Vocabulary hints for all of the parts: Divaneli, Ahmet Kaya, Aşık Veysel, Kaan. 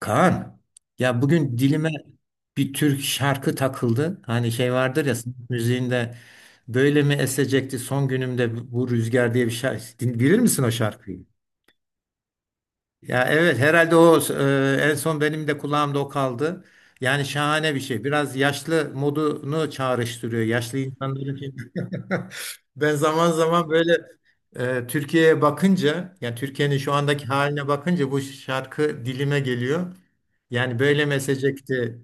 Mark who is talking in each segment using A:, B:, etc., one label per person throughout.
A: Kaan, ya bugün dilime bir Türk şarkı takıldı. Hani şey vardır ya sanat müziğinde böyle mi esecekti son günümde bu rüzgar diye bir şarkı. Bilir misin o şarkıyı? Ya evet herhalde o en son benim de kulağımda o kaldı. Yani şahane bir şey. Biraz yaşlı modunu çağrıştırıyor. Yaşlı insanların Ben zaman zaman böyle Türkiye'ye bakınca, yani Türkiye'nin şu andaki haline bakınca bu şarkı dilime geliyor. Yani böyle mesecekti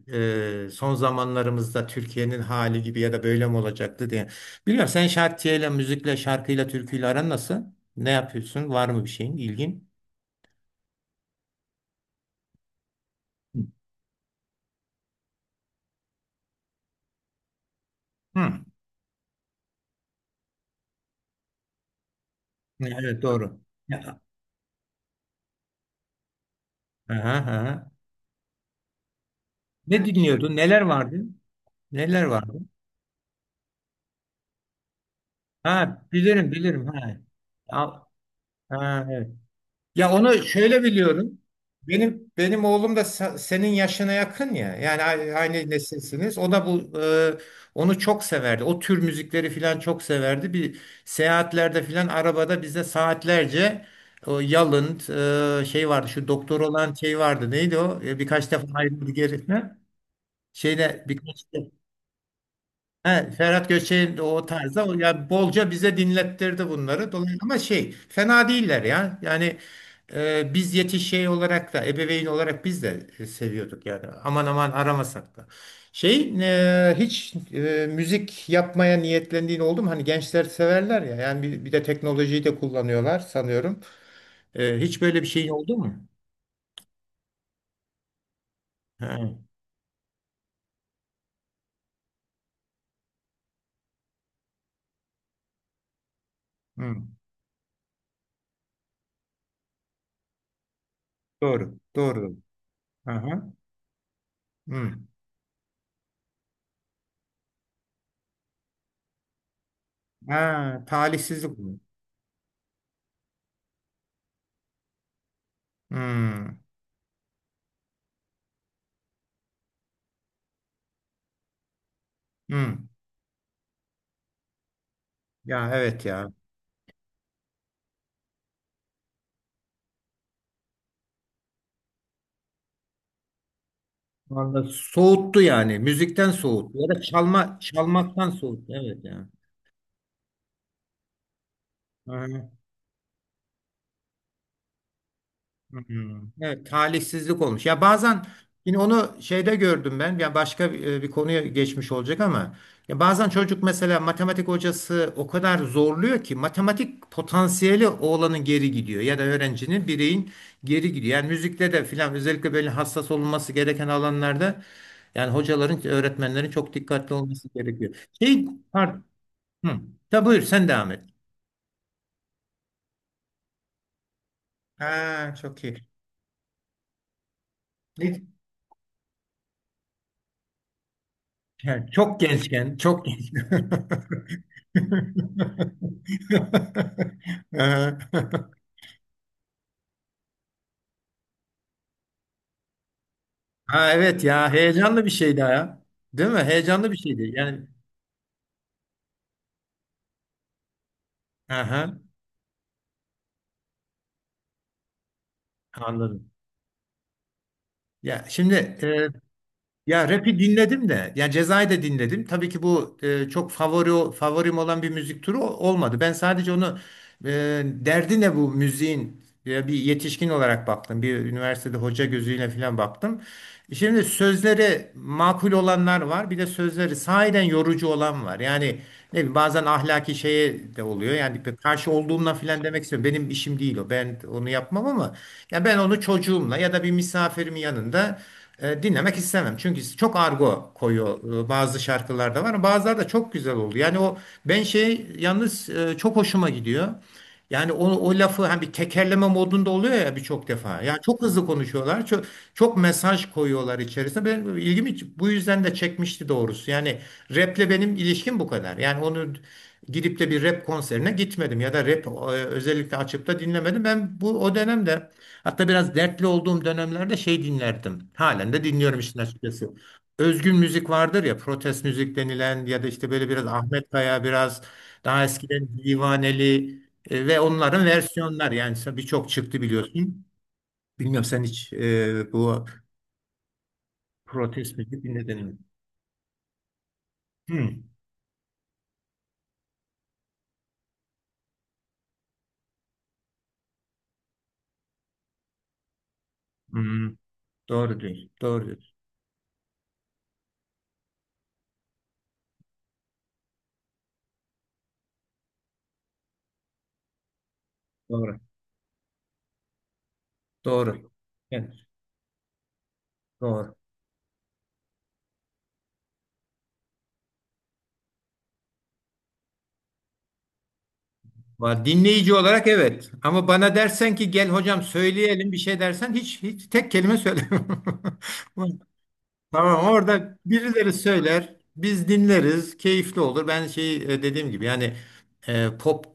A: son zamanlarımızda Türkiye'nin hali gibi ya da böyle mi olacaktı diye. Bilmiyorum sen şarkıyla, müzikle, şarkıyla, türküyle aran nasıl? Ne yapıyorsun? Var mı bir şeyin ilgin? Hı. Ha, evet, doğru. Ya, aha, aha. Ne dinliyordun? Neler vardı? Neler vardı? Ha, bilirim bilirim. Ha. Ya, ha, evet. Ya onu şöyle biliyorum. Benim oğlum da senin yaşına yakın ya. Yani aynı nesilsiniz. O da onu çok severdi. O tür müzikleri filan çok severdi. Bir seyahatlerde filan arabada bize saatlerce o Yalın şey vardı. Şu doktor olan şey vardı. Neydi o? Birkaç defa ayrıldı geri. Şeyde birkaç he, Ferhat Göçer'in de o tarzda yani bolca bize dinlettirdi bunları. Dolayısıyla ama şey fena değiller ya. Yani biz yetiş şey olarak da ebeveyn olarak biz de seviyorduk yani. Aman aman aramasak da. Şey hiç müzik yapmaya niyetlendiğin oldu mu? Hani gençler severler ya. Yani bir de teknolojiyi de kullanıyorlar sanıyorum. Hiç böyle bir şeyin oldu mu? He. Hı. Doğru. Doğru. Aha. Hı. Ha, talihsizlik bu. Hmm, hmm. Ya evet ya. Vallahi soğuttu yani. Müzikten soğuttu. Ya da çalmaktan soğuttu. Evet ya. Hmm. Evet, talihsizlik olmuş. Ya bazen yine onu şeyde gördüm ben. Ya başka bir konuya geçmiş olacak ama ya bazen çocuk mesela matematik hocası o kadar zorluyor ki matematik potansiyeli oğlanın geri gidiyor ya da öğrencinin bireyin geri gidiyor. Yani müzikte de filan özellikle böyle hassas olunması gereken alanlarda yani hocaların, öğretmenlerin çok dikkatli olması gerekiyor. Şey, pardon. Hı. Buyur sen devam et. Ha, çok iyi. Ne- Yani çok gençken, çok genç. Ee, Ha, evet, ya heyecanlı bir şeydi ya. Değil mi? Heyecanlı bir şeydi. Yani aha, anladım. Ya şimdi ya rap'i dinledim de yani Ceza'yı da dinledim. Tabii ki bu çok favorim olan bir müzik türü olmadı. Ben sadece onu e, derdi ne bu müziğin bir yetişkin olarak baktım. Bir üniversitede hoca gözüyle falan baktım. Şimdi sözleri makul olanlar var. Bir de sözleri sahiden yorucu olan var. Yani ne bileyim, bazen ahlaki şeye de oluyor. Yani bir karşı olduğumla falan demek istiyorum. Benim işim değil o. Ben onu yapmam ama ya ben onu çocuğumla ya da bir misafirimin yanında dinlemek istemem. Çünkü çok argo koyuyor bazı şarkılarda var. Bazıları da çok güzel oldu. Yani ben yalnız çok hoşuma gidiyor. Yani o lafı hani bir tekerleme modunda oluyor ya birçok defa. Yani çok hızlı konuşuyorlar. Çok, çok mesaj koyuyorlar içerisine. Benim ilgimi bu yüzden de çekmişti doğrusu. Yani raple benim ilişkim bu kadar. Yani onu gidip de bir rap konserine gitmedim ya da özellikle açıp da dinlemedim. Ben bu o dönemde. Hatta biraz dertli olduğum dönemlerde şey dinlerdim. Halen de dinliyorum işin açıkçası. Özgün müzik vardır ya, protest müzik denilen ya da işte böyle biraz Ahmet Kaya, biraz daha eskiden Divaneli ve onların versiyonlar yani birçok çıktı biliyorsun. Bilmiyorum sen hiç bu protest müzik dinledin mi? Hmm. Hmm. Doğru diyorsun. Doğru diyorsun. Doğru. Doğru. Evet, doğru. Var dinleyici olarak, evet. Ama bana dersen ki gel hocam söyleyelim bir şey dersen hiç tek kelime söylemem. Tamam, orada birileri söyler, biz dinleriz, keyifli olur. Ben dediğim gibi yani e, pop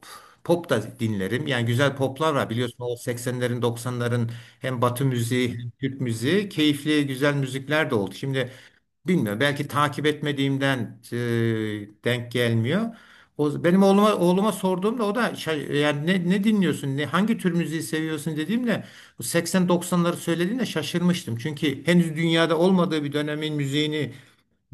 A: pop da dinlerim. Yani güzel poplar var biliyorsun o 80'lerin 90'ların hem Batı müziği hem Türk müziği keyifli güzel müzikler de oldu. Şimdi bilmiyorum. Belki takip etmediğimden denk gelmiyor. O, benim oğluma sorduğumda o da yani ne dinliyorsun? Hangi tür müziği seviyorsun dediğimde bu 80-90'ları söylediğinde şaşırmıştım. Çünkü henüz dünyada olmadığı bir dönemin müziğini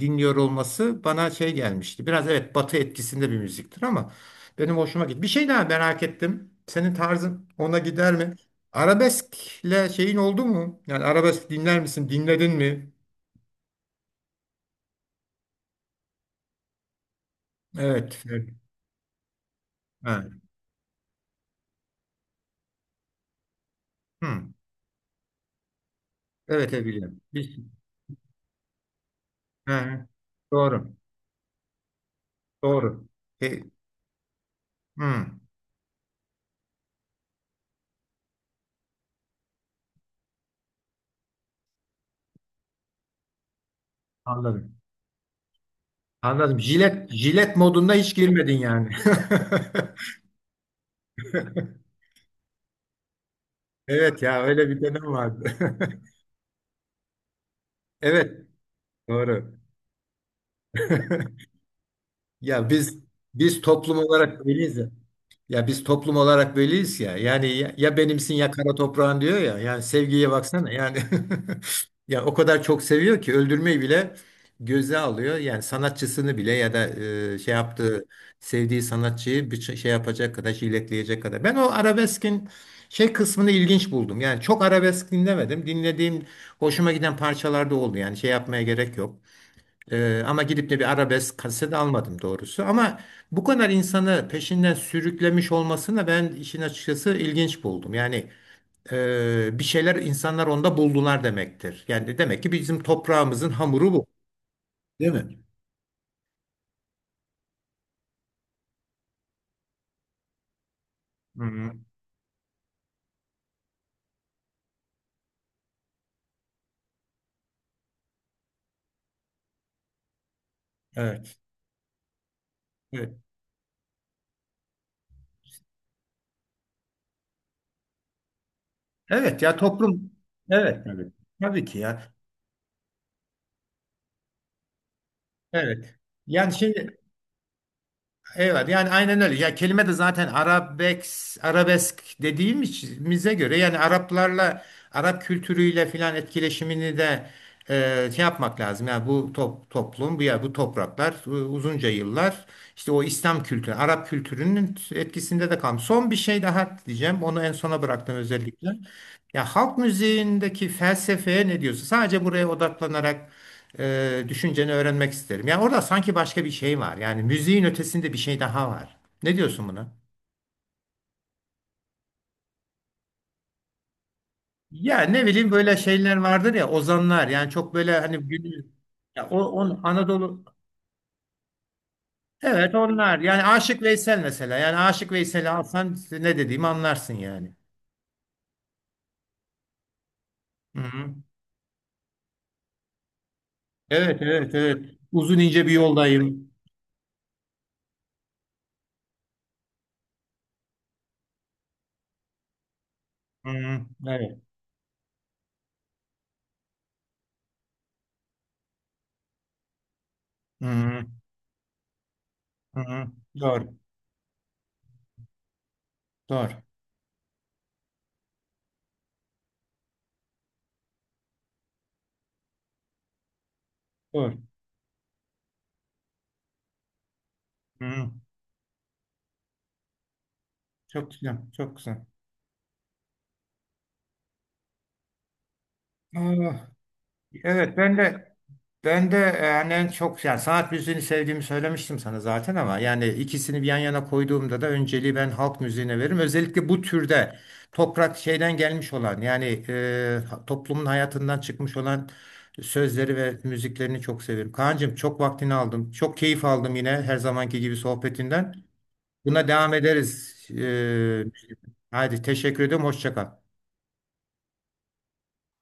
A: dinliyor olması bana şey gelmişti. Biraz evet Batı etkisinde bir müziktir ama benim hoşuma gitti. Bir şey daha merak ettim. Senin tarzın ona gider mi? Arabeskle şeyin oldu mu? Yani arabesk dinler misin? Dinledin mi? Evet. Evet. Ha. Hı. Evet, evet, biliyorum. Bir, hı, doğru. Doğru. E, hı, anladım. Anladım. Jilet, jilet modunda hiç girmedin yani. Evet ya öyle bir dönem vardı. Evet. Doğru. Ya biz toplum olarak öyleyiz. Ya biz toplum olarak böyleyiz ya. Yani ya, ya benimsin ya kara toprağın diyor ya. Yani sevgiye baksana. Yani ya o kadar çok seviyor ki öldürmeyi bile göze alıyor. Yani sanatçısını bile ya da yaptığı sevdiği sanatçıyı bir şey yapacak kadar jiletleyecek kadar. Ben o arabeskin şey kısmını ilginç buldum. Yani çok arabesk dinlemedim. Dinlediğim hoşuma giden parçalar da oldu. Yani şey yapmaya gerek yok. Ama gidip de bir arabesk kaset almadım doğrusu. Ama bu kadar insanı peşinden sürüklemiş olmasını ben işin açıkçası ilginç buldum. Yani bir şeyler insanlar onda buldular demektir. Yani demek ki bizim toprağımızın hamuru bu. Değil mi? Hı-hı. Evet. Evet. Evet ya, toplum. Evet. Evet. Tabii ki ya. Evet. Yani evet, yani aynen öyle. Ya kelime de zaten arabesk dediğimize göre yani Araplarla Arap kültürüyle filan etkileşimini de şey yapmak lazım. Yani bu toplum, bu topraklar uzunca yıllar işte o İslam kültürü, Arap kültürünün etkisinde de kalmış. Son bir şey daha diyeceğim. Onu en sona bıraktım özellikle. Ya halk müziğindeki felsefeye ne diyorsun? Sadece buraya odaklanarak düşünceni öğrenmek isterim. Yani orada sanki başka bir şey var. Yani müziğin ötesinde bir şey daha var. Ne diyorsun buna? Ya ne bileyim böyle şeyler vardır ya ozanlar yani çok böyle hani günü ya o on Anadolu evet onlar yani Aşık Veysel mesela yani Aşık Veysel'i alsan ne dediğimi anlarsın yani. Hı-hı. Evet, evet, evet, uzun ince bir yoldayım. Hı-hı. Evet. Hı-hı. Hı-hı. Doğru, doğru, doğru. Hı-hı. Çok güzel, çok güzel. Ah, evet, ben de hani en çok yani sanat müziğini sevdiğimi söylemiştim sana zaten ama yani ikisini bir yan yana koyduğumda da önceliği ben halk müziğine veririm. Özellikle bu türde toprak şeyden gelmiş olan yani toplumun hayatından çıkmış olan sözleri ve müziklerini çok severim. Kaan'cığım çok vaktini aldım. Çok keyif aldım yine her zamanki gibi sohbetinden. Buna devam ederiz. Haydi teşekkür ediyorum. Hoşça kal.